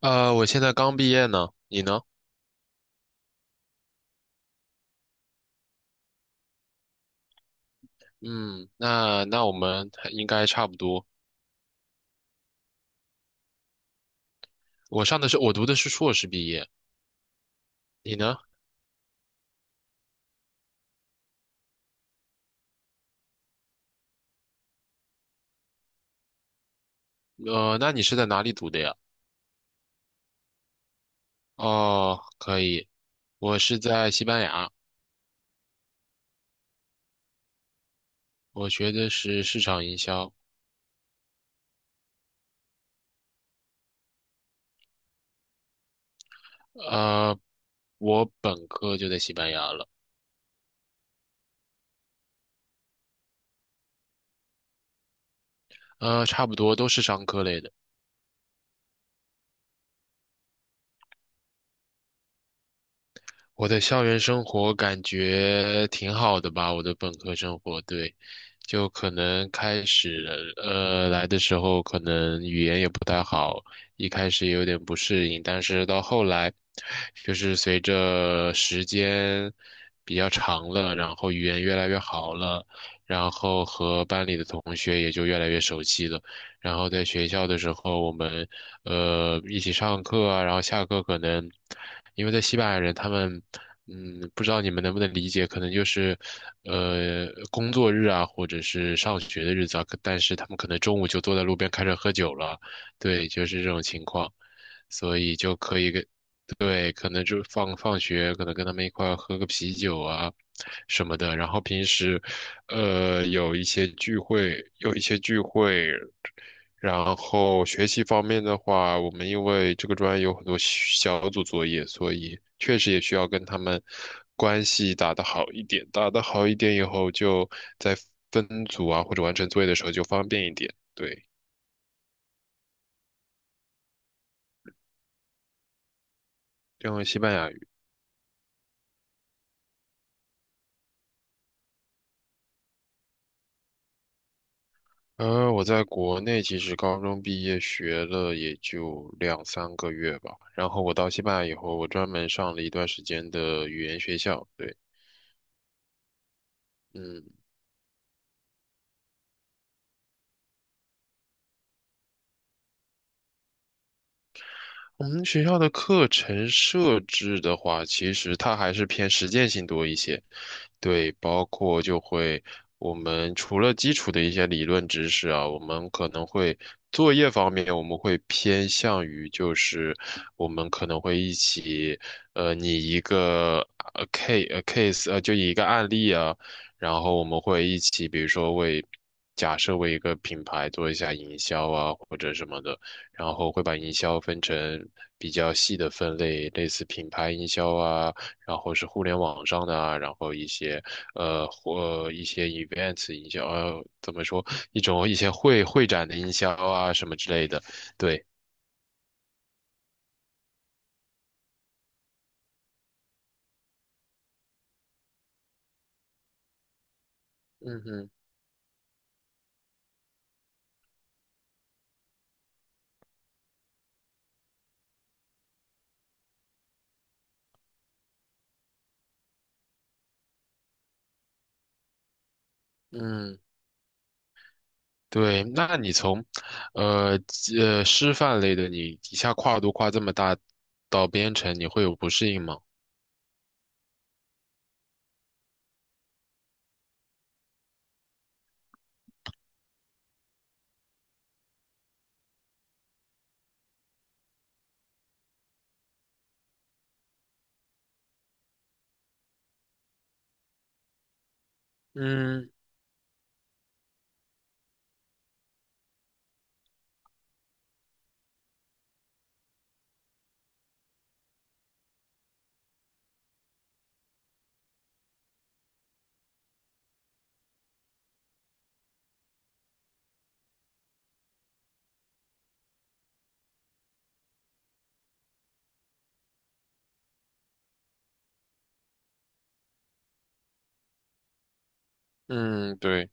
我现在刚毕业呢，你呢？那我们还应该差不多。我读的是硕士毕业，你呢？那你是在哪里读的呀？哦，可以，我是在西班牙，我学的是市场营销。呃，我本科就在西班牙了，差不多都是商科类的。我的校园生活感觉挺好的吧，我的本科生活，对，就可能开始，来的时候可能语言也不太好，一开始也有点不适应，但是到后来，就是随着时间比较长了，然后语言越来越好了，然后和班里的同学也就越来越熟悉了。然后在学校的时候，我们一起上课啊，然后下课可能，因为在西班牙人他们，嗯，不知道你们能不能理解，可能就是，工作日啊，或者是上学的日子啊，但是他们可能中午就坐在路边开始喝酒了，对，就是这种情况，所以就可以跟，对，可能就放学，可能跟他们一块儿喝个啤酒啊。什么的，然后平时，有一些聚会，然后学习方面的话，我们因为这个专业有很多小组作业，所以确实也需要跟他们关系打得好一点。打得好一点以后，就在分组啊或者完成作业的时候就方便一点。对，这样西班牙语。我在国内其实高中毕业学了也就两三个月吧，然后我到西班牙以后，我专门上了一段时间的语言学校。对，嗯。我们学校的课程设置的话，其实它还是偏实践性多一些。对，包括就会我们除了基础的一些理论知识啊，我们可能会作业方面，我们会偏向于就是我们可能会一起，拟一个case 就一个案例啊，然后我们会一起，比如说为假设为一个品牌做一下营销啊或者什么的。然后会把营销分成比较细的分类，类似品牌营销啊，然后是互联网上的啊，然后一些呃或呃一些 events 营销，怎么说一些会展的营销啊什么之类的，对，嗯哼，嗯。对，那你从，呃师范类的，你一下跨度跨这么大，到编程，你会有不适应吗？嗯嗯，对，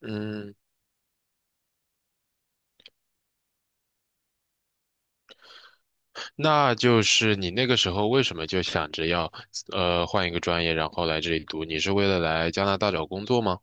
嗯。那就是你那个时候为什么就想着要换一个专业，然后来这里读？你是为了来加拿大找工作吗？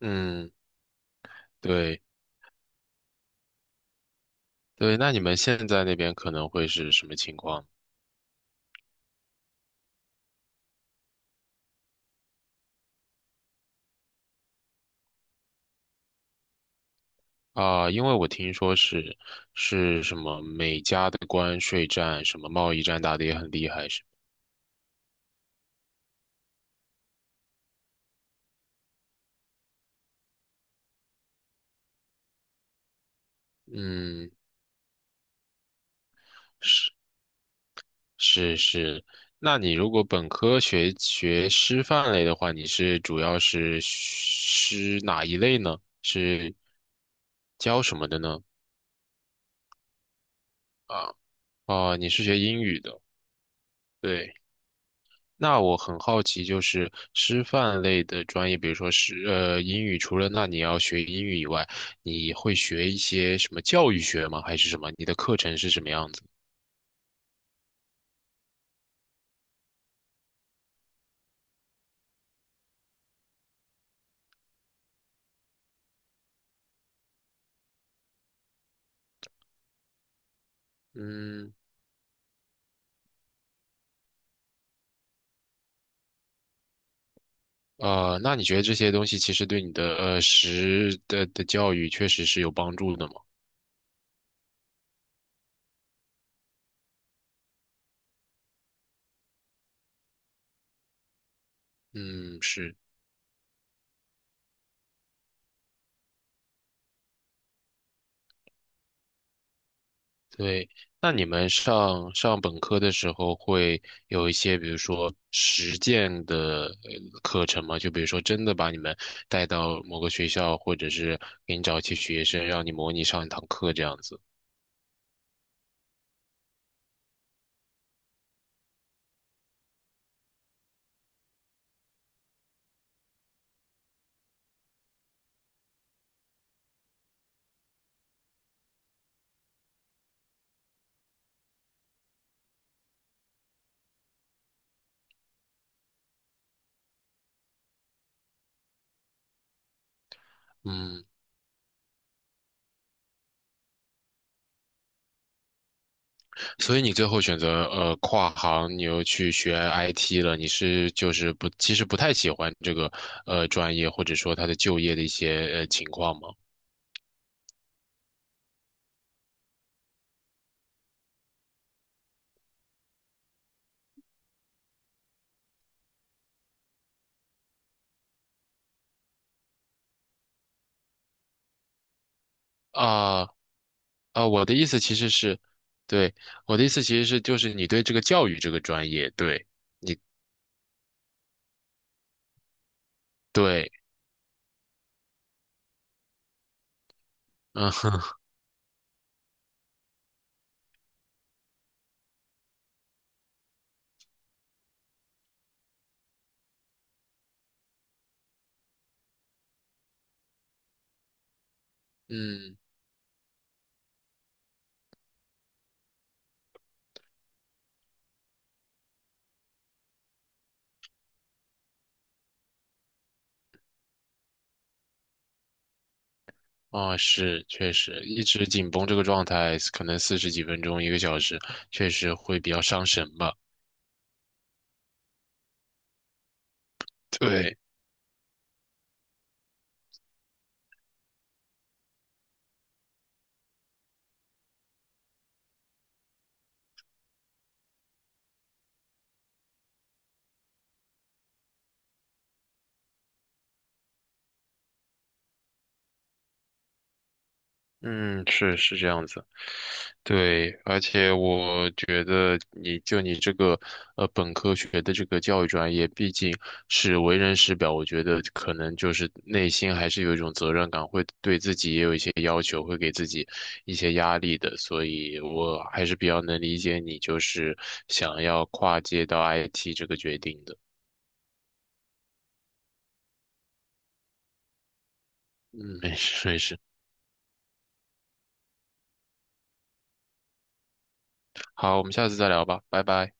嗯，对对，那你们现在那边可能会是什么情况？啊？因为我听说是是什么美加的关税战、什么贸易战打得也很厉害，是嗯。是。是是，那你如果本科学学师范类的话，你是主要是师哪一类呢？是教什么的呢？啊，哦，你是学英语的，对。那我很好奇，就是师范类的专业，比如说是英语，除了那你要学英语以外，你会学一些什么教育学吗？还是什么？你的课程是什么样子？嗯。那你觉得这些东西其实对你的呃实的的教育确实是有帮助的吗？嗯，是，对。那你们上本科的时候会有一些，比如说实践的课程吗？就比如说真的把你们带到某个学校，或者是给你找一些学生，让你模拟上一堂课这样子。嗯。所以你最后选择跨行，你又去学 IT 了，你是就是不，其实不太喜欢这个专业，或者说它的就业的一些情况吗？啊、我的意思其实是，对，我的意思其实是就是你对这个教育这个专业，对对，嗯哼，嗯。是，确实，一直紧绷这个状态，可能四十几分钟、一个小时，确实会比较伤神吧。对，嗯，是是这样子，对，而且我觉得你这个本科学的这个教育专业，毕竟是为人师表，我觉得可能就是内心还是有一种责任感，会对自己也有一些要求，会给自己一些压力的，所以我还是比较能理解你就是想要跨界到 IT 这个决定的。嗯，没事，好，我们下次再聊吧，拜拜。